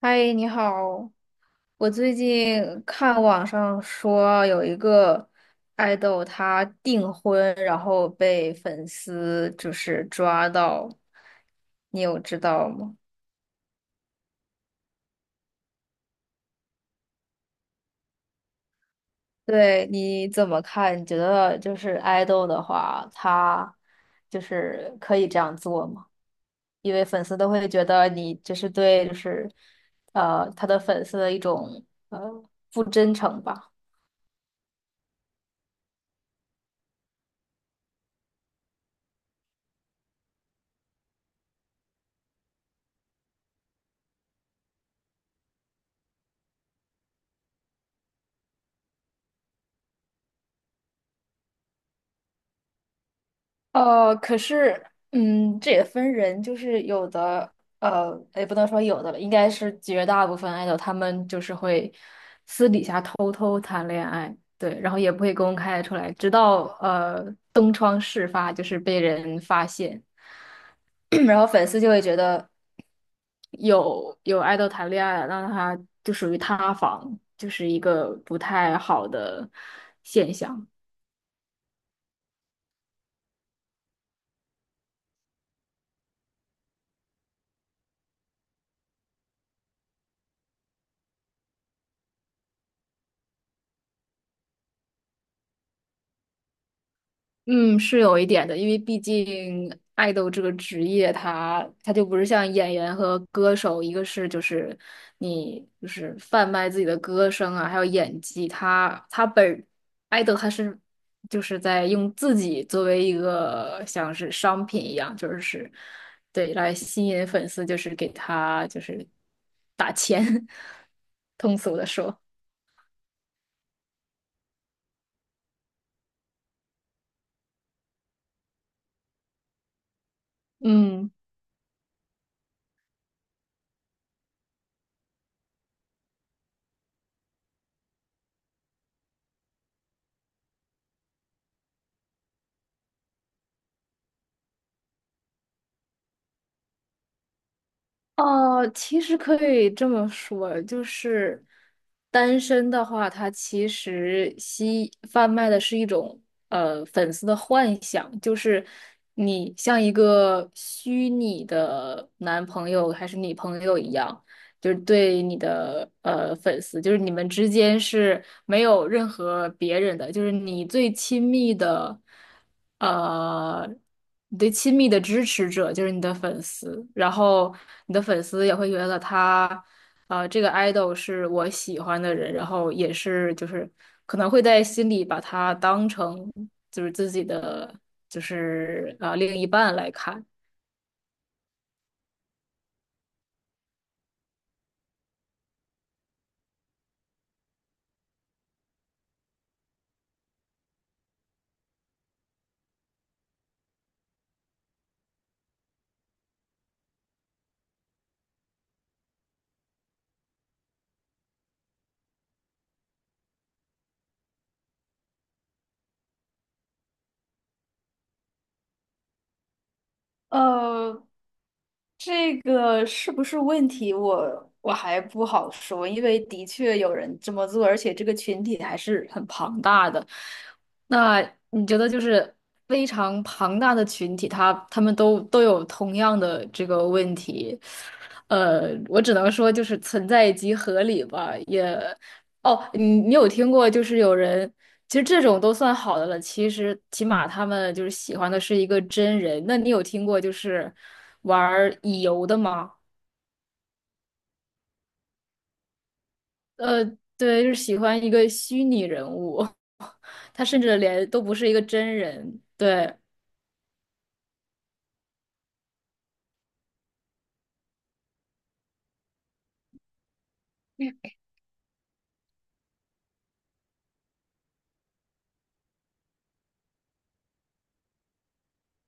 嗨，你好。我最近看网上说有一个爱豆他订婚，然后被粉丝就是抓到，你有知道吗？对，你怎么看？你觉得就是爱豆的话，他就是可以这样做吗？因为粉丝都会觉得你就是对，就是他的粉丝的一种不真诚吧。可是，嗯，这也分人，就是有的，也不能说有的了，应该是绝大部分爱豆，他们就是会私底下偷偷谈恋爱，对，然后也不会公开出来，直到东窗事发，就是被人发现，然后粉丝就会觉得有爱豆谈恋爱了，那他就属于塌房，就是一个不太好的现象。嗯，是有一点的，因为毕竟爱豆这个职业他就不是像演员和歌手，一个是就是你就是贩卖自己的歌声啊，还有演技，他本爱豆他是就是在用自己作为一个像是商品一样，就是对来吸引粉丝，就是给他就是打钱，通俗的说，嗯。哦，其实可以这么说，就是单身的话，它其实贩卖的是一种粉丝的幻想，就是你像一个虚拟的男朋友还是女朋友一样，就是对你的粉丝，就是你们之间是没有任何别人的，就是呃，你最亲密的支持者就是你的粉丝，然后你的粉丝也会觉得他，这个 idol 是我喜欢的人，然后也是就是可能会在心里把他当成就是自己的就是另一半来看。呃，这个是不是问题？我还不好说，因为的确有人这么做，而且这个群体还是很庞大的。那你觉得就是非常庞大的群体，他们都有同样的这个问题，我只能说就是存在即合理吧，也。哦，你有听过就是有人其实这种都算好的了。其实起码他们就是喜欢的是一个真人。那你有听过就是玩儿乙游的吗？呃，对，就是喜欢一个虚拟人物，他甚至连都不是一个真人。对，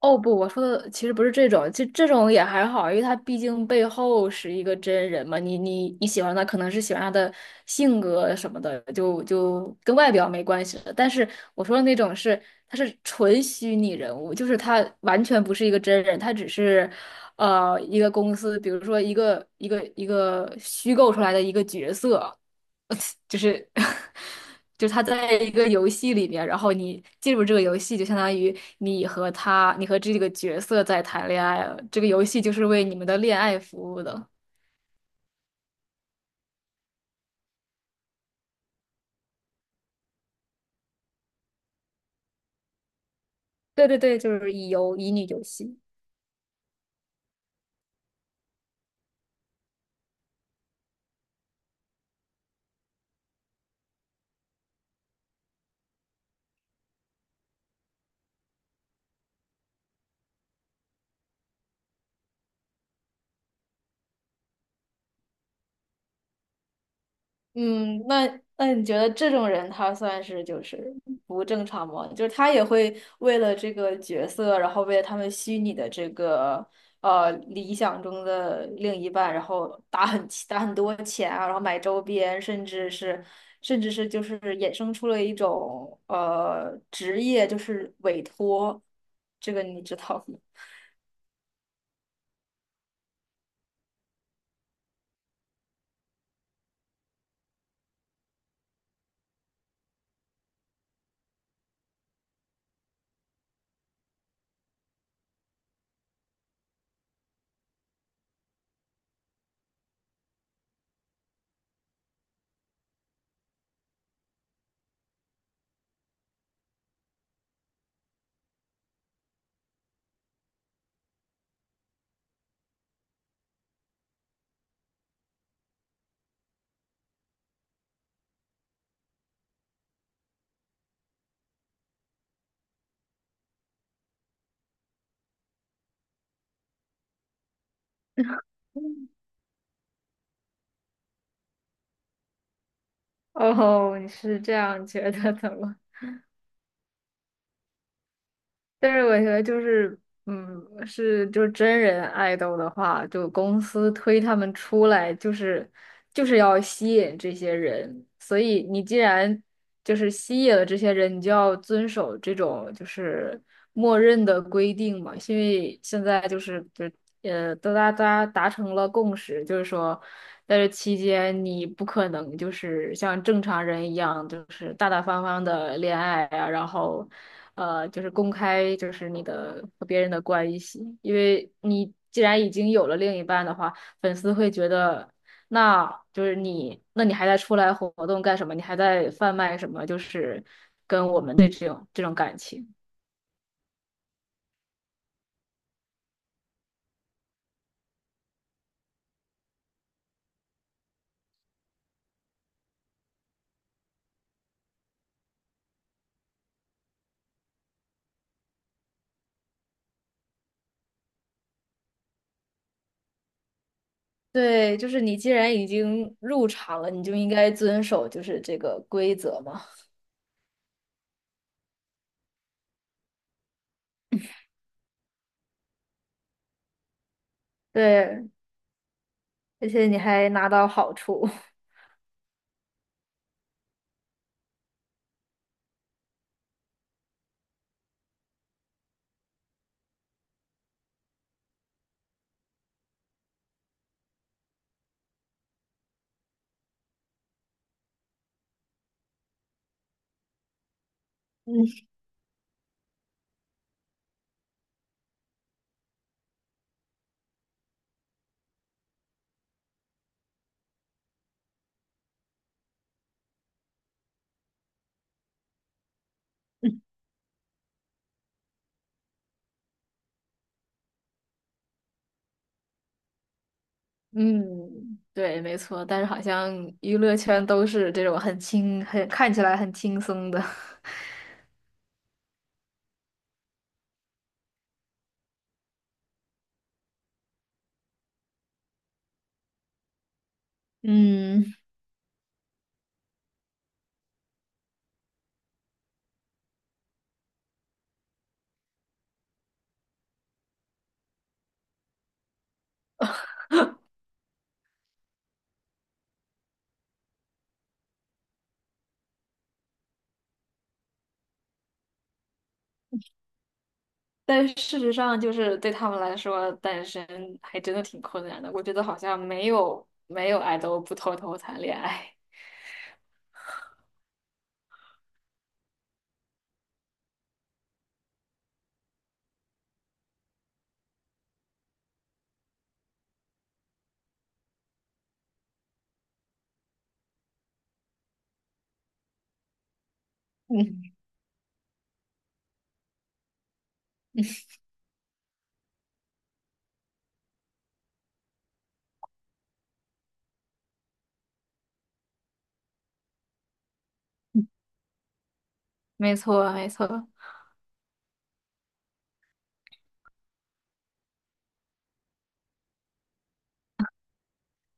哦不，我说的其实不是这种，这种也还好，因为他毕竟背后是一个真人嘛。你喜欢他，可能是喜欢他的性格什么的，就跟外表没关系了。但是我说的那种是，他是纯虚拟人物，就是他完全不是一个真人，他只是一个公司，比如说一个虚构出来的一个角色。就是就是他在一个游戏里面，然后你进入这个游戏，就相当于你和他，你和这个角色在谈恋爱了。这个游戏就是为你们的恋爱服务的。对对对，就是乙游乙女游戏。嗯，那你觉得这种人他算是就是不正常吗？就是他也会为了这个角色，然后为了他们虚拟的这个理想中的另一半，然后打很多钱啊，然后买周边，甚至是就是衍生出了一种职业，就是委托，这个你知道吗？哦，你是这样觉得的吗？但是我觉得就是，是就是真人爱豆的话，就公司推他们出来，就是要吸引这些人。所以你既然就是吸引了这些人，你就要遵守这种就是默认的规定嘛。因为现在就是就呃，都大家达成了共识，就是说在这期间你不可能就是像正常人一样，就是大大方方的恋爱啊，然后就是公开就是你的和别人的关系，因为你既然已经有了另一半的话，粉丝会觉得。那就是你，那你还在出来活动干什么？你还在贩卖什么？就是跟我们的这种感情。对，就是你既然已经入场了，你就应该遵守就是这个规则嘛。对，而且你还拿到好处。嗯。嗯，对，没错。但是好像娱乐圈都是这种很看起来很轻松的。嗯，但事实上，就是对他们来说，单身还真的挺困难的。我觉得好像没有爱豆不偷偷谈恋爱。嗯，没错，没错。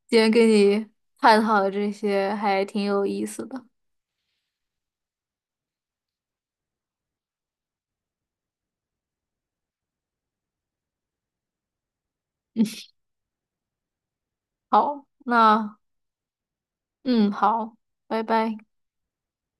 今天跟你探讨的这些还挺有意思的。好，好，拜拜。